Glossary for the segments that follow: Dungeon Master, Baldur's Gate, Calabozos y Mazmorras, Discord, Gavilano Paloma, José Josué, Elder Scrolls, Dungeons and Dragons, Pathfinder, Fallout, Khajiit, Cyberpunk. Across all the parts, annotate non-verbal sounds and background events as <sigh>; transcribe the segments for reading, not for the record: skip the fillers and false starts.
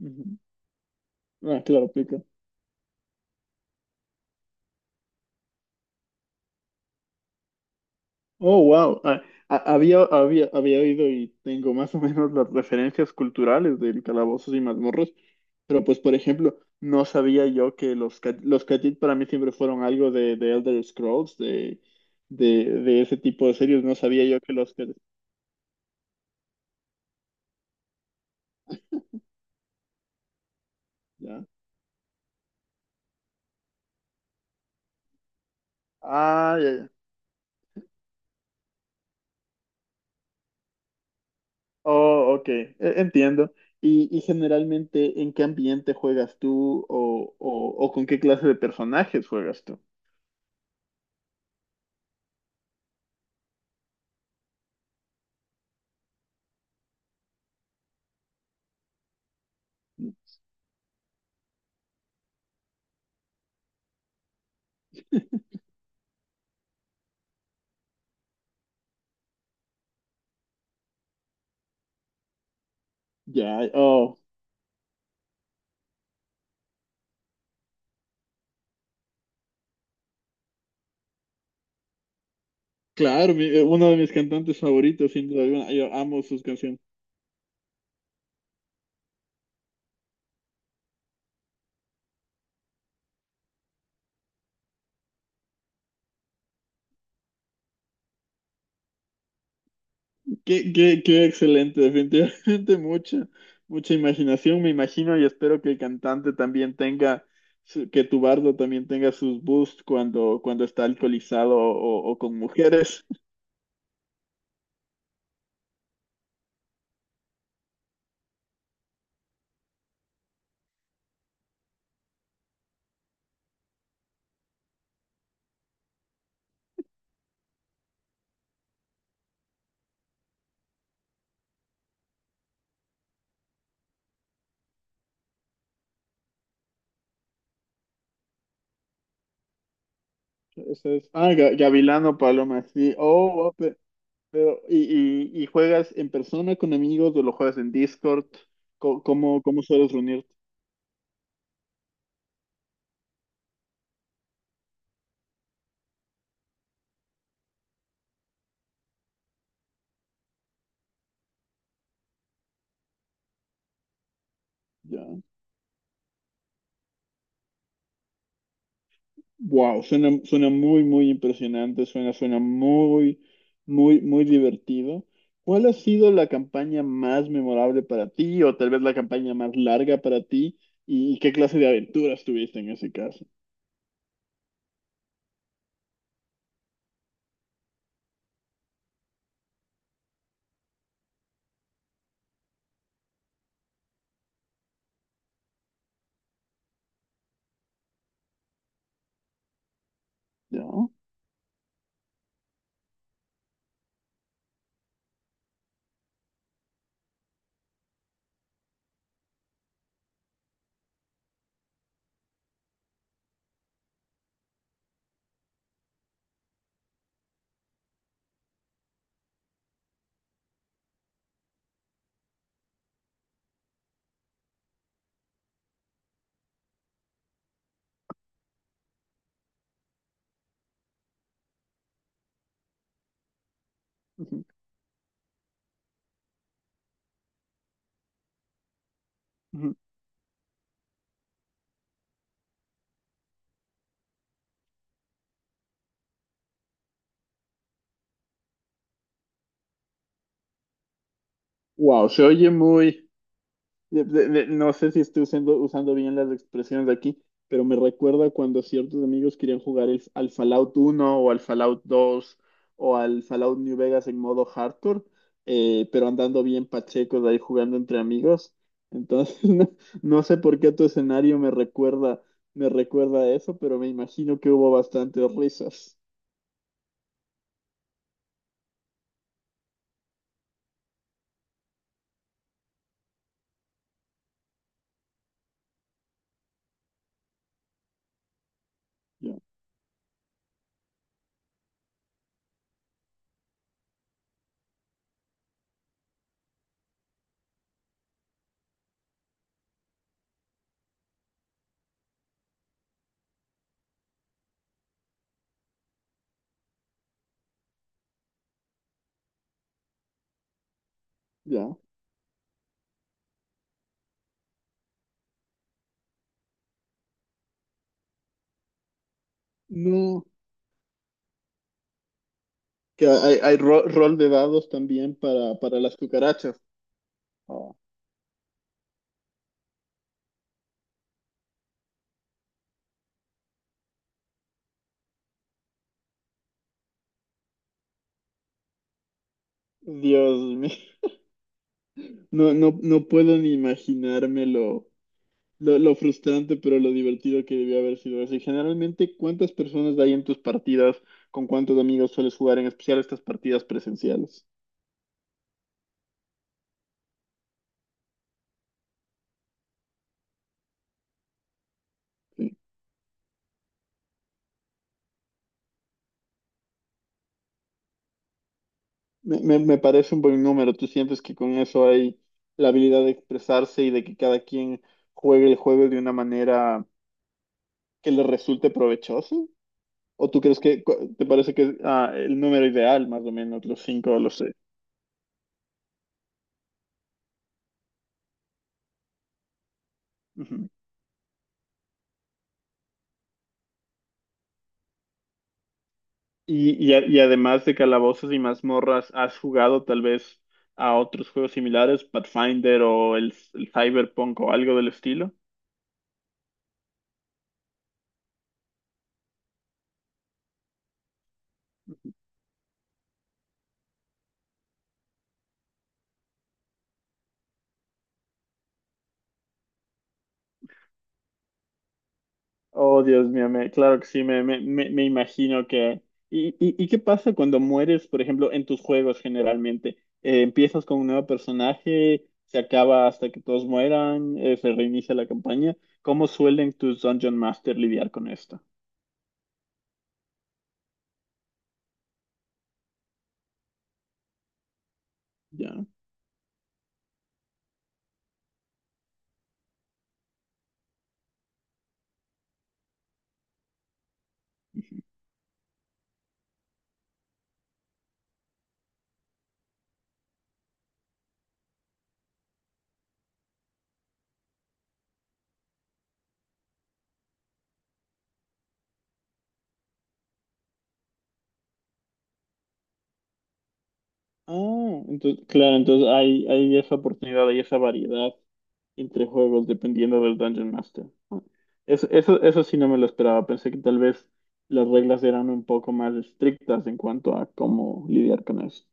Ujú. Ah, claro, aplica. Oh, wow. Había oído y tengo más o menos las referencias culturales del Calabozos y Mazmorros, pero pues, por ejemplo, no sabía yo que los Khajiit para mí siempre fueron algo de Elder Scrolls, de ese tipo de series. No sabía yo que los Khajiit. Ya. Ah, ya, ya. Oh, ok. Entiendo. Y generalmente, ¿en qué ambiente juegas tú o con qué clase de personajes juegas tú? Ya, oh. Claro, uno de mis cantantes favoritos, sin duda alguna. Yo amo sus canciones. Qué excelente, definitivamente <laughs> mucha, mucha imaginación, me imagino, y espero que el cantante también tenga, que tu bardo también tenga sus boosts cuando, cuando está alcoholizado o con mujeres. <laughs> Eso es. Gavilano Paloma, sí. Oh, wow, pero, ¿ y juegas en persona con amigos o lo juegas en Discord? ¿ cómo sueles reunirte? Wow, suena, suena muy, muy impresionante, suena, suena muy, muy, muy divertido. ¿Cuál ha sido la campaña más memorable para ti o tal vez la campaña más larga para ti? ¿Y qué clase de aventuras tuviste en ese caso? ¿No? Wow, se oye muy, no sé si estoy usando, usando bien las expresiones de aquí, pero me recuerda cuando ciertos amigos querían jugar al Fallout uno o al Fallout dos o al Fallout New Vegas en modo hardcore, pero andando bien pachecos ahí jugando entre amigos. Entonces, <laughs> no, no sé por qué tu escenario me recuerda a eso, pero me imagino que hubo bastantes risas. Ya, ya. No, que hay, rol de dados también para las cucarachas. Oh, Dios mío. No, no, no puedo ni imaginarme lo frustrante, pero lo divertido que debió haber sido eso. Y generalmente, ¿cuántas personas hay en tus partidas? ¿Con cuántos amigos sueles jugar, en especial estas partidas presenciales? Sí. Me, me parece un buen número. ¿Tú sientes que con eso hay la habilidad de expresarse y de que cada quien juegue el juego de una manera que le resulte provechosa? ¿O tú crees que cu- te parece que es ah, el número ideal, más o menos, los cinco o los seis? Ujú. Y además de Calabozos y Mazmorras, ¿has jugado tal vez a otros juegos similares, Pathfinder o el Cyberpunk o algo del estilo? Oh, Dios mío, claro que sí, me imagino que. ¿ y qué pasa cuando mueres, por ejemplo, en tus juegos generalmente? ¿Empiezas con un nuevo personaje? ¿Se acaba hasta que todos mueran? ¿Se reinicia la campaña? ¿Cómo suelen tus Dungeon Master lidiar con esto? Ya. Ah, entonces, claro, entonces hay esa oportunidad, hay esa variedad entre juegos dependiendo del Dungeon Master. Ah, eso sí no me lo esperaba. Pensé que tal vez las reglas eran un poco más estrictas en cuanto a cómo lidiar con eso.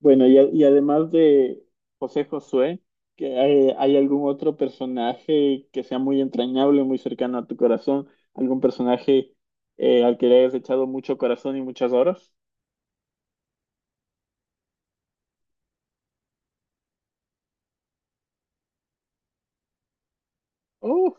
Bueno, y además de José Josué, ¿que hay algún otro personaje que sea muy entrañable, muy cercano a tu corazón? ¿Algún personaje al que le hayas echado mucho corazón y muchas horas? ¡Oh!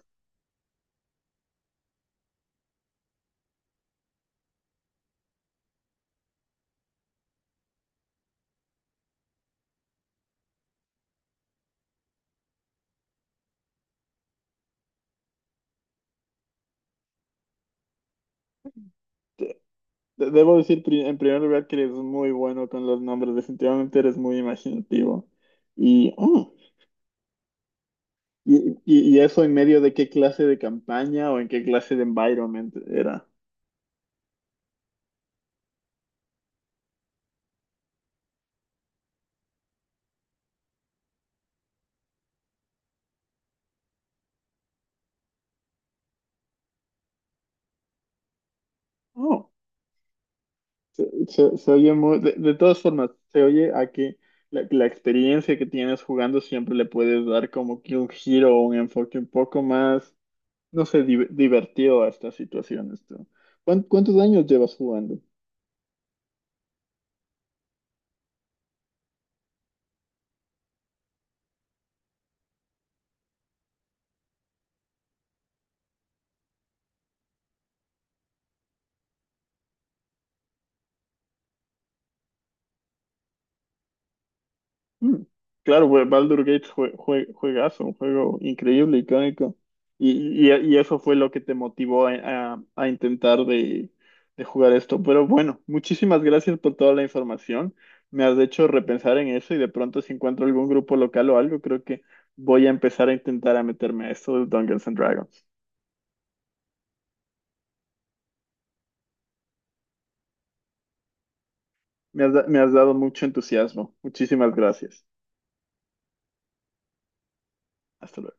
debo decir en primer lugar que eres muy bueno con los nombres, definitivamente eres muy imaginativo. Y, oh, y, y eso en medio de qué clase de campaña o en qué clase de environment era. Oh, se, se oye muy, de todas formas, se oye a que la experiencia que tienes jugando siempre le puedes dar como que un giro o un enfoque un poco más, no sé, divertido a estas situaciones, tú. ¿Cuántos años llevas jugando? Mm, Claro, pues Baldur's Gate fue, fue juegazo, un juego increíble, icónico. Y eso fue lo que te motivó a, a intentar de jugar esto. Pero bueno, muchísimas gracias por toda la información. Me has hecho repensar en eso y de pronto si encuentro algún grupo local o algo, creo que voy a empezar a intentar a meterme a esto de Dungeons and Dragons. Me has, me has dado mucho entusiasmo. Muchísimas gracias. Hasta luego.